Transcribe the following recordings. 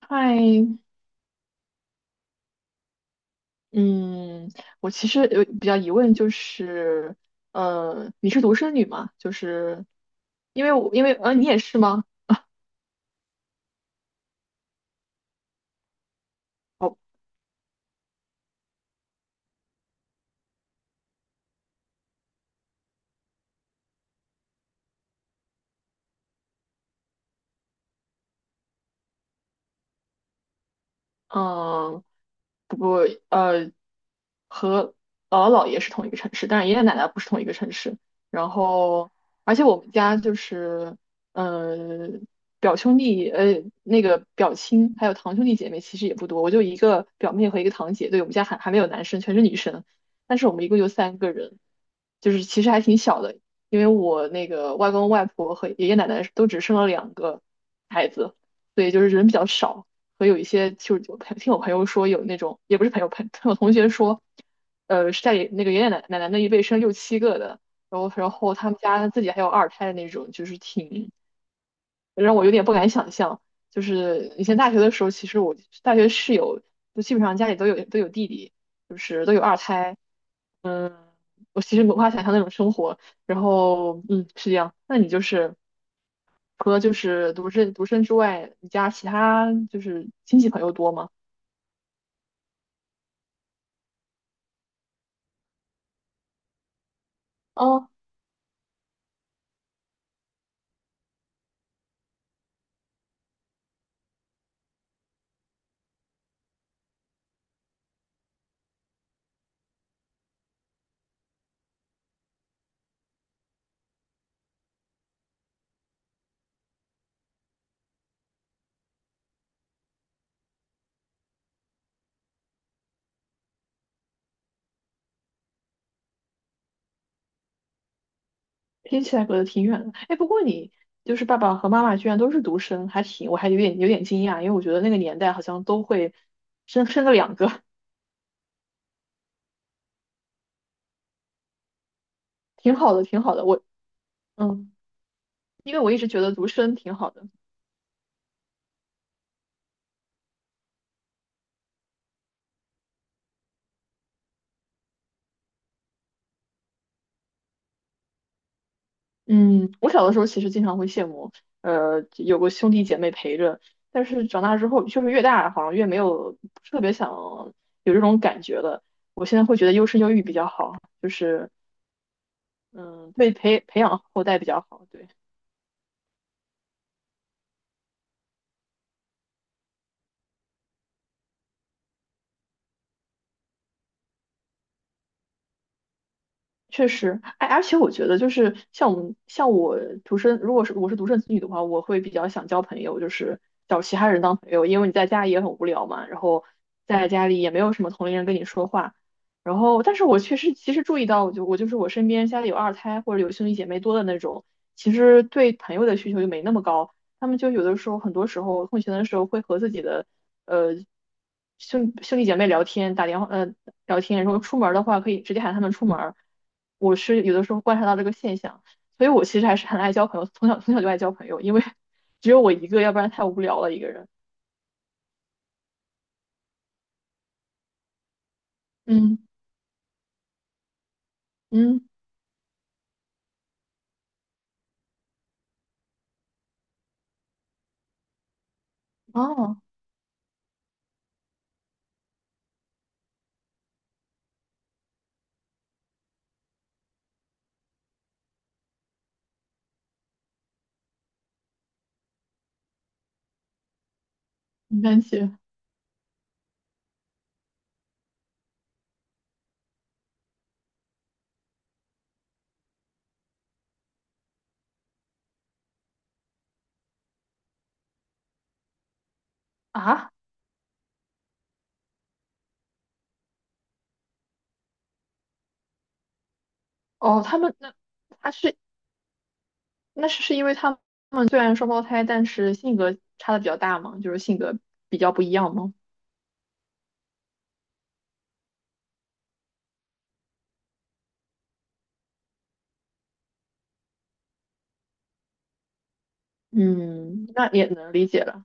嗨，嗯，我其实有比较疑问，就是，你是独生女吗？就是，因为你也是吗？哦嗯，不过呃，和姥姥姥爷是同一个城市，但是爷爷奶奶不是同一个城市。然后，而且我们家就是，呃，表兄弟，那个表亲，还有堂兄弟姐妹其实也不多，我就一个表妹和一个堂姐。对，我们家还没有男生，全是女生。但是我们一共就三个人，就是其实还挺小的，因为我那个外公外婆和爷爷奶奶都只生了两个孩子，所以就是人比较少。和有一些就是听我朋友说有那种也不是朋友,听我同学说，呃是在那个爷爷奶奶那一辈生六七个的，然后他们家自己还有二胎的那种，就是挺让我有点不敢想象。就是以前大学的时候，其实我大学室友就基本上家里都有弟弟，就是都有二胎，嗯。我其实无法想象那种生活。然后，嗯，是这样。那你就是除了就是独生之外，你家其他就是亲戚朋友多吗？哦，听起来隔得挺远的。哎，不过你就是爸爸和妈妈居然都是独生，还挺，我还有点惊讶，因为我觉得那个年代好像都会生个两个，挺好的，挺好的。嗯，因为我一直觉得独生挺好的。嗯，我小的时候其实经常会羡慕，有个兄弟姐妹陪着。但是长大之后，就是越大好像越没有特别想有这种感觉了。我现在会觉得优生优育比较好，就是嗯，对培养后代比较好。对。确实，哎，而且我觉得就是像我们像我独生，如果是我是独生子女的话，我会比较想交朋友，就是找其他人当朋友，因为你在家里也很无聊嘛，然后在家里也没有什么同龄人跟你说话，然后但是我确实其实注意到，我就我就是我身边家里有二胎或者有兄弟姐妹多的那种，其实对朋友的需求就没那么高，他们就有的时候很多时候空闲的时候会和自己的呃兄兄弟姐妹聊天，打电话聊天，然后出门儿的话可以直接喊他们出门儿。我是有的时候观察到这个现象，所以我其实还是很爱交朋友，从小就爱交朋友，因为 只有我一个，要不然太无聊了一个人。嗯嗯，哦，没关系。啊，哦，他们那他是那是因为他们虽然双胞胎，但是性格差的比较大嘛，就是性格比较不一样嘛。嗯，那也能理解了。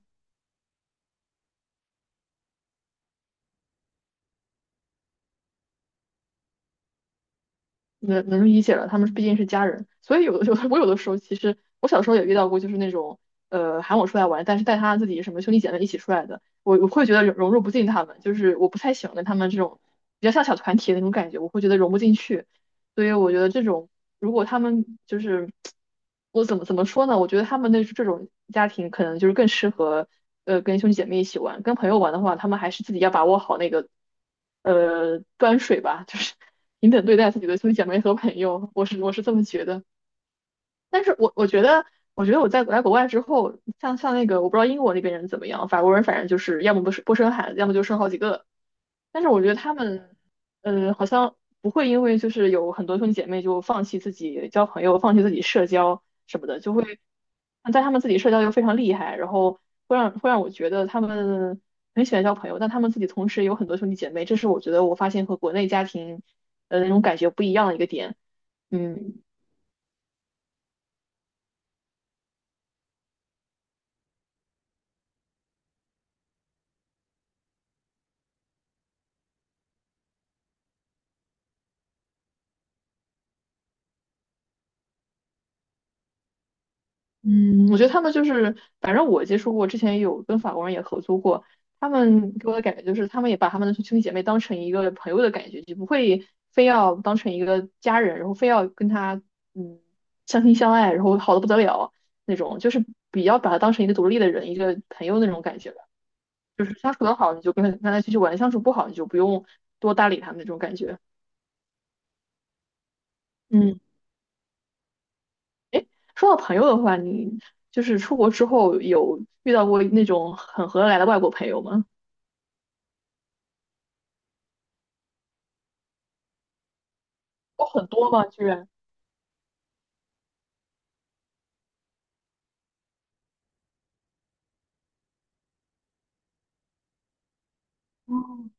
能理解了，他们毕竟是家人，所以有的 我有的时候其实我小时候也遇到过，就是那种呃喊我出来玩，但是带他自己什么兄弟姐妹一起出来的，我会觉得融入不进他们，就是我不太喜欢跟他们这种比较像小团体的那种感觉，我会觉得融不进去。所以我觉得这种，如果他们就是，我怎么说呢？我觉得他们那这种家庭可能就是更适合，跟兄弟姐妹一起玩。跟朋友玩的话，他们还是自己要把握好那个，端水吧，就是 平等对待自己的兄弟姐妹和朋友。我这么觉得。但是我觉得，我觉得我在来国外之后，像那个，我不知道英国那边人怎么样，法国人反正就是要么不生孩子，要么就生好几个。但是我觉得他们，好像不会因为就是有很多兄弟姐妹就放弃自己交朋友，放弃自己社交什么的，就会在他们自己社交又非常厉害，然后会让我觉得他们很喜欢交朋友，但他们自己同时也有很多兄弟姐妹，这是我觉得我发现和国内家庭，那种感觉不一样的一个点。嗯，嗯，我觉得他们就是，反正我接触过，之前有跟法国人也合租过，他们给我的感觉就是，他们也把他们的兄弟姐妹当成一个朋友的感觉，就不会非要当成一个家人，然后非要跟他嗯相亲相爱，然后好的不得了那种，就是比较把他当成一个独立的人，一个朋友那种感觉吧。就是相处得好，你就跟他继续玩；相处不好，你就不用多搭理他们那种感觉。嗯。哎，说到朋友的话，你就是出国之后有遇到过那种很合得来的外国朋友吗？有很多吗？居然？嗯，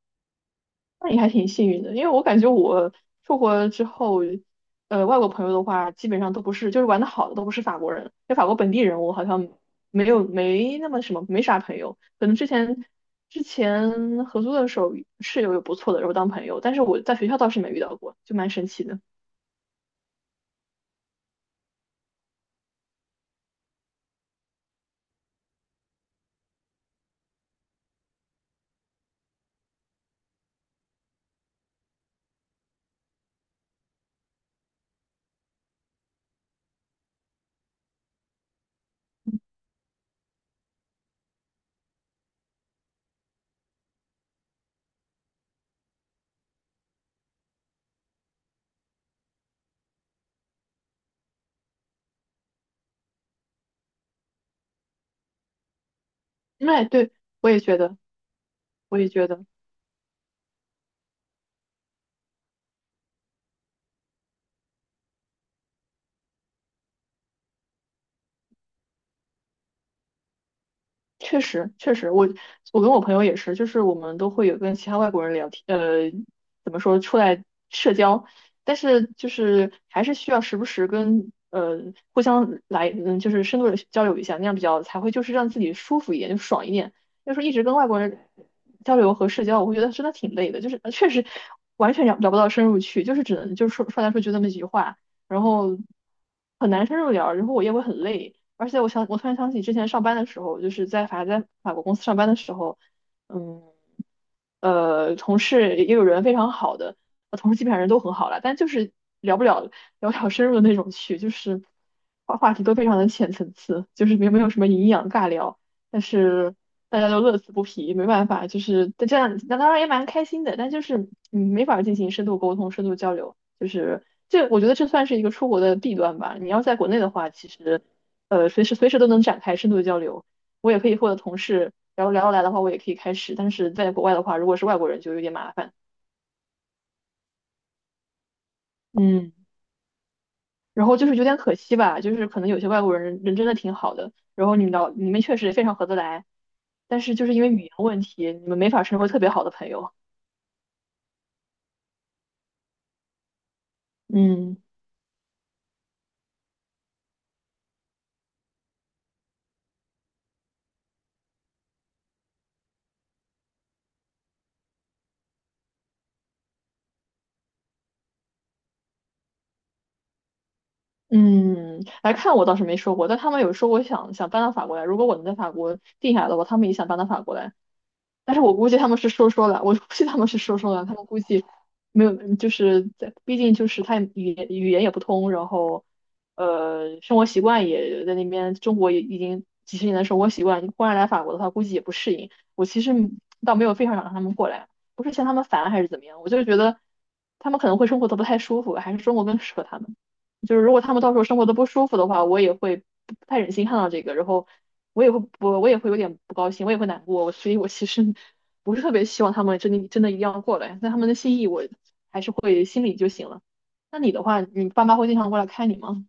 那你还挺幸运的，因为我感觉我出国之后，外国朋友的话，基本上都不是，就是玩的好的都不是法国人，因为法国本地人我好像没那么什么，没啥朋友。可能之前合租的时候，室友有不错的，然后当朋友，但是我在学校倒是没遇到过，就蛮神奇的。那对，我也觉得，我也觉得。确实，确实，我跟我朋友也是，就是我们都会有跟其他外国人聊天，怎么说，出来社交，但是就是还是需要时不时跟互相来，嗯，就是深度的交流一下，那样比较才会就是让自己舒服一点，就爽一点。要说一直跟外国人交流和社交，我会觉得真的挺累的，就是确实完全聊不到深入去，就是只能就是说说来说去就那么几句话，然后很难深入聊，然后我也会很累。而且我想，我突然想起之前上班的时候，就是在法国公司上班的时候，嗯，同事也有人非常好的，同事基本上人都很好了，但就是聊不了聊不了深入的那种去，就是话题都非常的浅层次，就是没有什么营养尬聊，但是大家都乐此不疲，没办法，就是但这样，那当然也蛮开心的，但就是嗯，没法进行深度沟通、深度交流，就是这我觉得这算是一个出国的弊端吧。你要在国内的话，其实。随时都能展开深度的交流。我也可以和我的同事，然后聊得来的话，我也可以开始。但是在国外的话，如果是外国人就有点麻烦。嗯，然后就是有点可惜吧，就是可能有些外国人人真的挺好的，然后你们确实也非常合得来，但是就是因为语言问题，你们没法成为特别好的朋友。嗯，嗯，来看我倒是没说过，但他们有说我想搬到法国来，如果我能在法国定下来的话，他们也想搬到法国来。但是我估计他们是说说的，我估计他们是说说的，他们估计没有，就是在，毕竟就是他语言也不通，然后生活习惯也在那边，中国也已经几十年的生活习惯，忽然来法国的话，估计也不适应。我其实倒没有非常想让他们过来，不是嫌他们烦还是怎么样，我就是觉得他们可能会生活的不太舒服，还是中国更适合他们。就是如果他们到时候生活的不舒服的话，我也会不太忍心看到这个，然后我也会我也会有点不高兴，我也会难过，我所以我其实不是特别希望他们真的一定要过来，但他们的心意我就会心里就行了。那你的话，你爸妈会经常过来看你吗？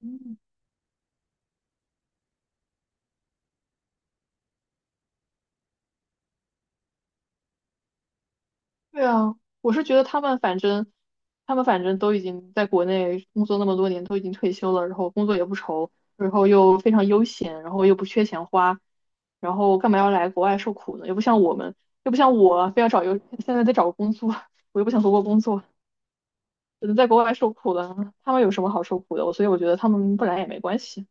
嗯，对啊，我是觉得他们反正，他们反正都已经在国内工作那么多年，都已经退休了，然后工作也不愁，然后又非常悠闲，然后又不缺钱花，然后干嘛要来国外受苦呢？又不像我们，又不像我啊非要找一个现在在找个工作，我又不想回国工作，嗯在国外受苦了，他们有什么好受苦的？我所以我觉得他们不来也没关系。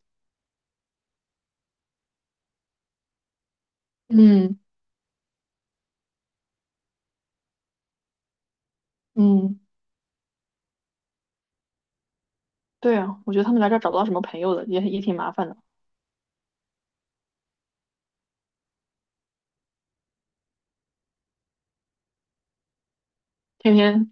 嗯。嗯，对啊，我觉得他们来这儿找不到什么朋友的，也挺麻烦的，天天。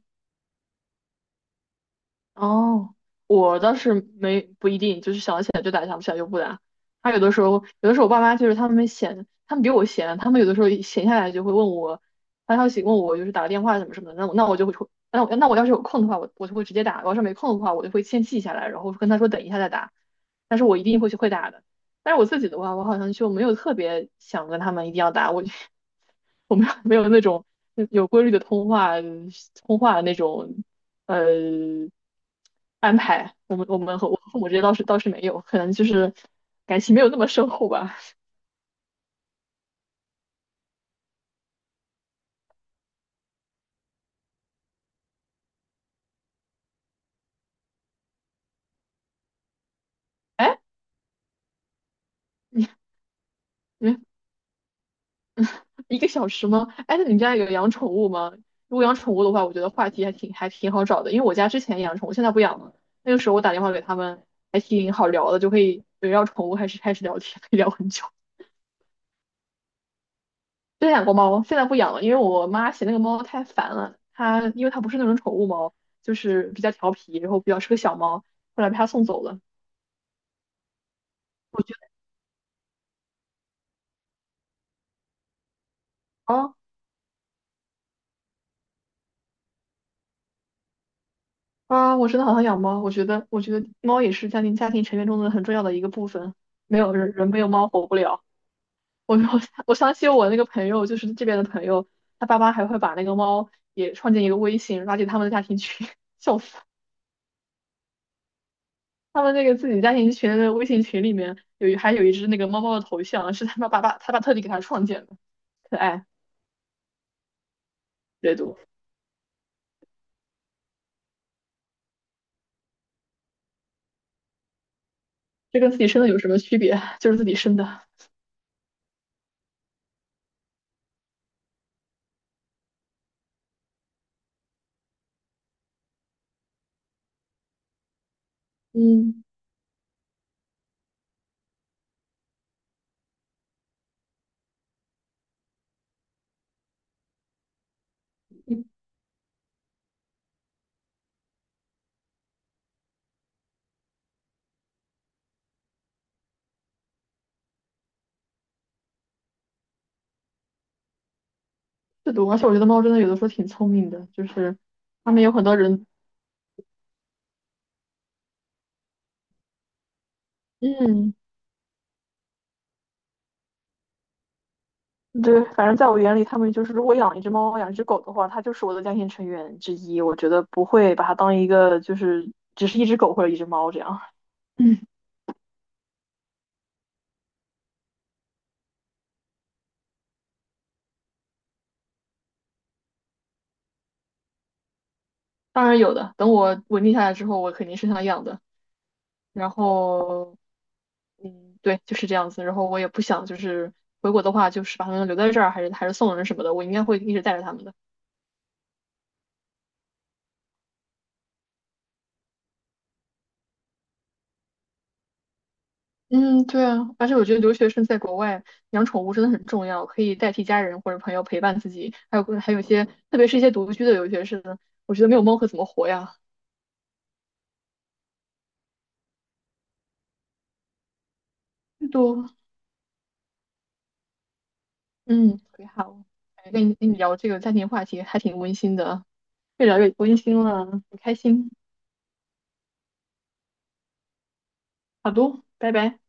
哦，我倒是没不一定，就是想起来就打，想不起来就不打。他有的时候，有的时候我爸妈就是他们闲，他们比我闲，他们有的时候一闲下来就会问我发消息，问我就是打个电话什么什么的。那我那我就会说，那我那我要是有空的话，我我就会直接打；我要是没空的话，我就会先记下来，然后跟他说等一下再打。但是我一定会去会打的。但是我自己的话，我好像就没有特别想跟他们一定要打，我就 我没有那种有规律的通话那种呃安排。我们和我和父母这些倒是没有，可能就是感情没有那么深厚吧。哎，你你一个小时吗？哎，那你们家有养宠物吗？如果养宠物的话，我觉得话题还挺好找的，因为我家之前养宠物，现在不养了。那个时候我打电话给他们，还挺好聊的，就可以围绕宠物开始聊天，可以聊很久。之前养过猫，现在不养了，因为我妈嫌那个猫太烦了。它因为它不是那种宠物猫，就是比较调皮，然后比较是个小猫，后来被她送走了。我哦啊，我真的好想养猫。我觉得，我觉得猫也是家庭成员中的很重要的一个部分。没有人，人没有猫活不了。我我我相信我那个朋友，就是这边的朋友，他爸妈还会把那个猫也创建一个微信，拉进他们的家庭群。笑死！他们那个自己家庭群的微信群里面还有一只那个猫猫的头像，是他爸爸他爸特地给他创建的，可爱阅读。这跟自己生的有什么区别？就是自己生的。嗯，嗯，是的，而且我觉得猫真的有的时候挺聪明的，就是他们有很多人。嗯，对，反正在我眼里，他们就是如果养一只猫、养一只狗的话，它就是我的家庭成员之一。我觉得不会把它当一个就是只是一只狗或者一只猫这样。嗯，当然有的，等我稳定下来之后，我肯定是想养的。然后，嗯，对，就是这样子。然后我也不想就是回国的话，就是把它们留在这儿，还是送人什么的，我应该会一直带着它们的。嗯，对啊，而且我觉得留学生在国外养宠物真的很重要，可以代替家人或者朋友陪伴自己，还有一些，特别是一些独居的留学生，我觉得没有猫可怎么活呀？最多，嗯，特别好，哎跟你聊这个家庭话题还挺温馨的啊，越聊越温馨了，很开心。好的，拜拜。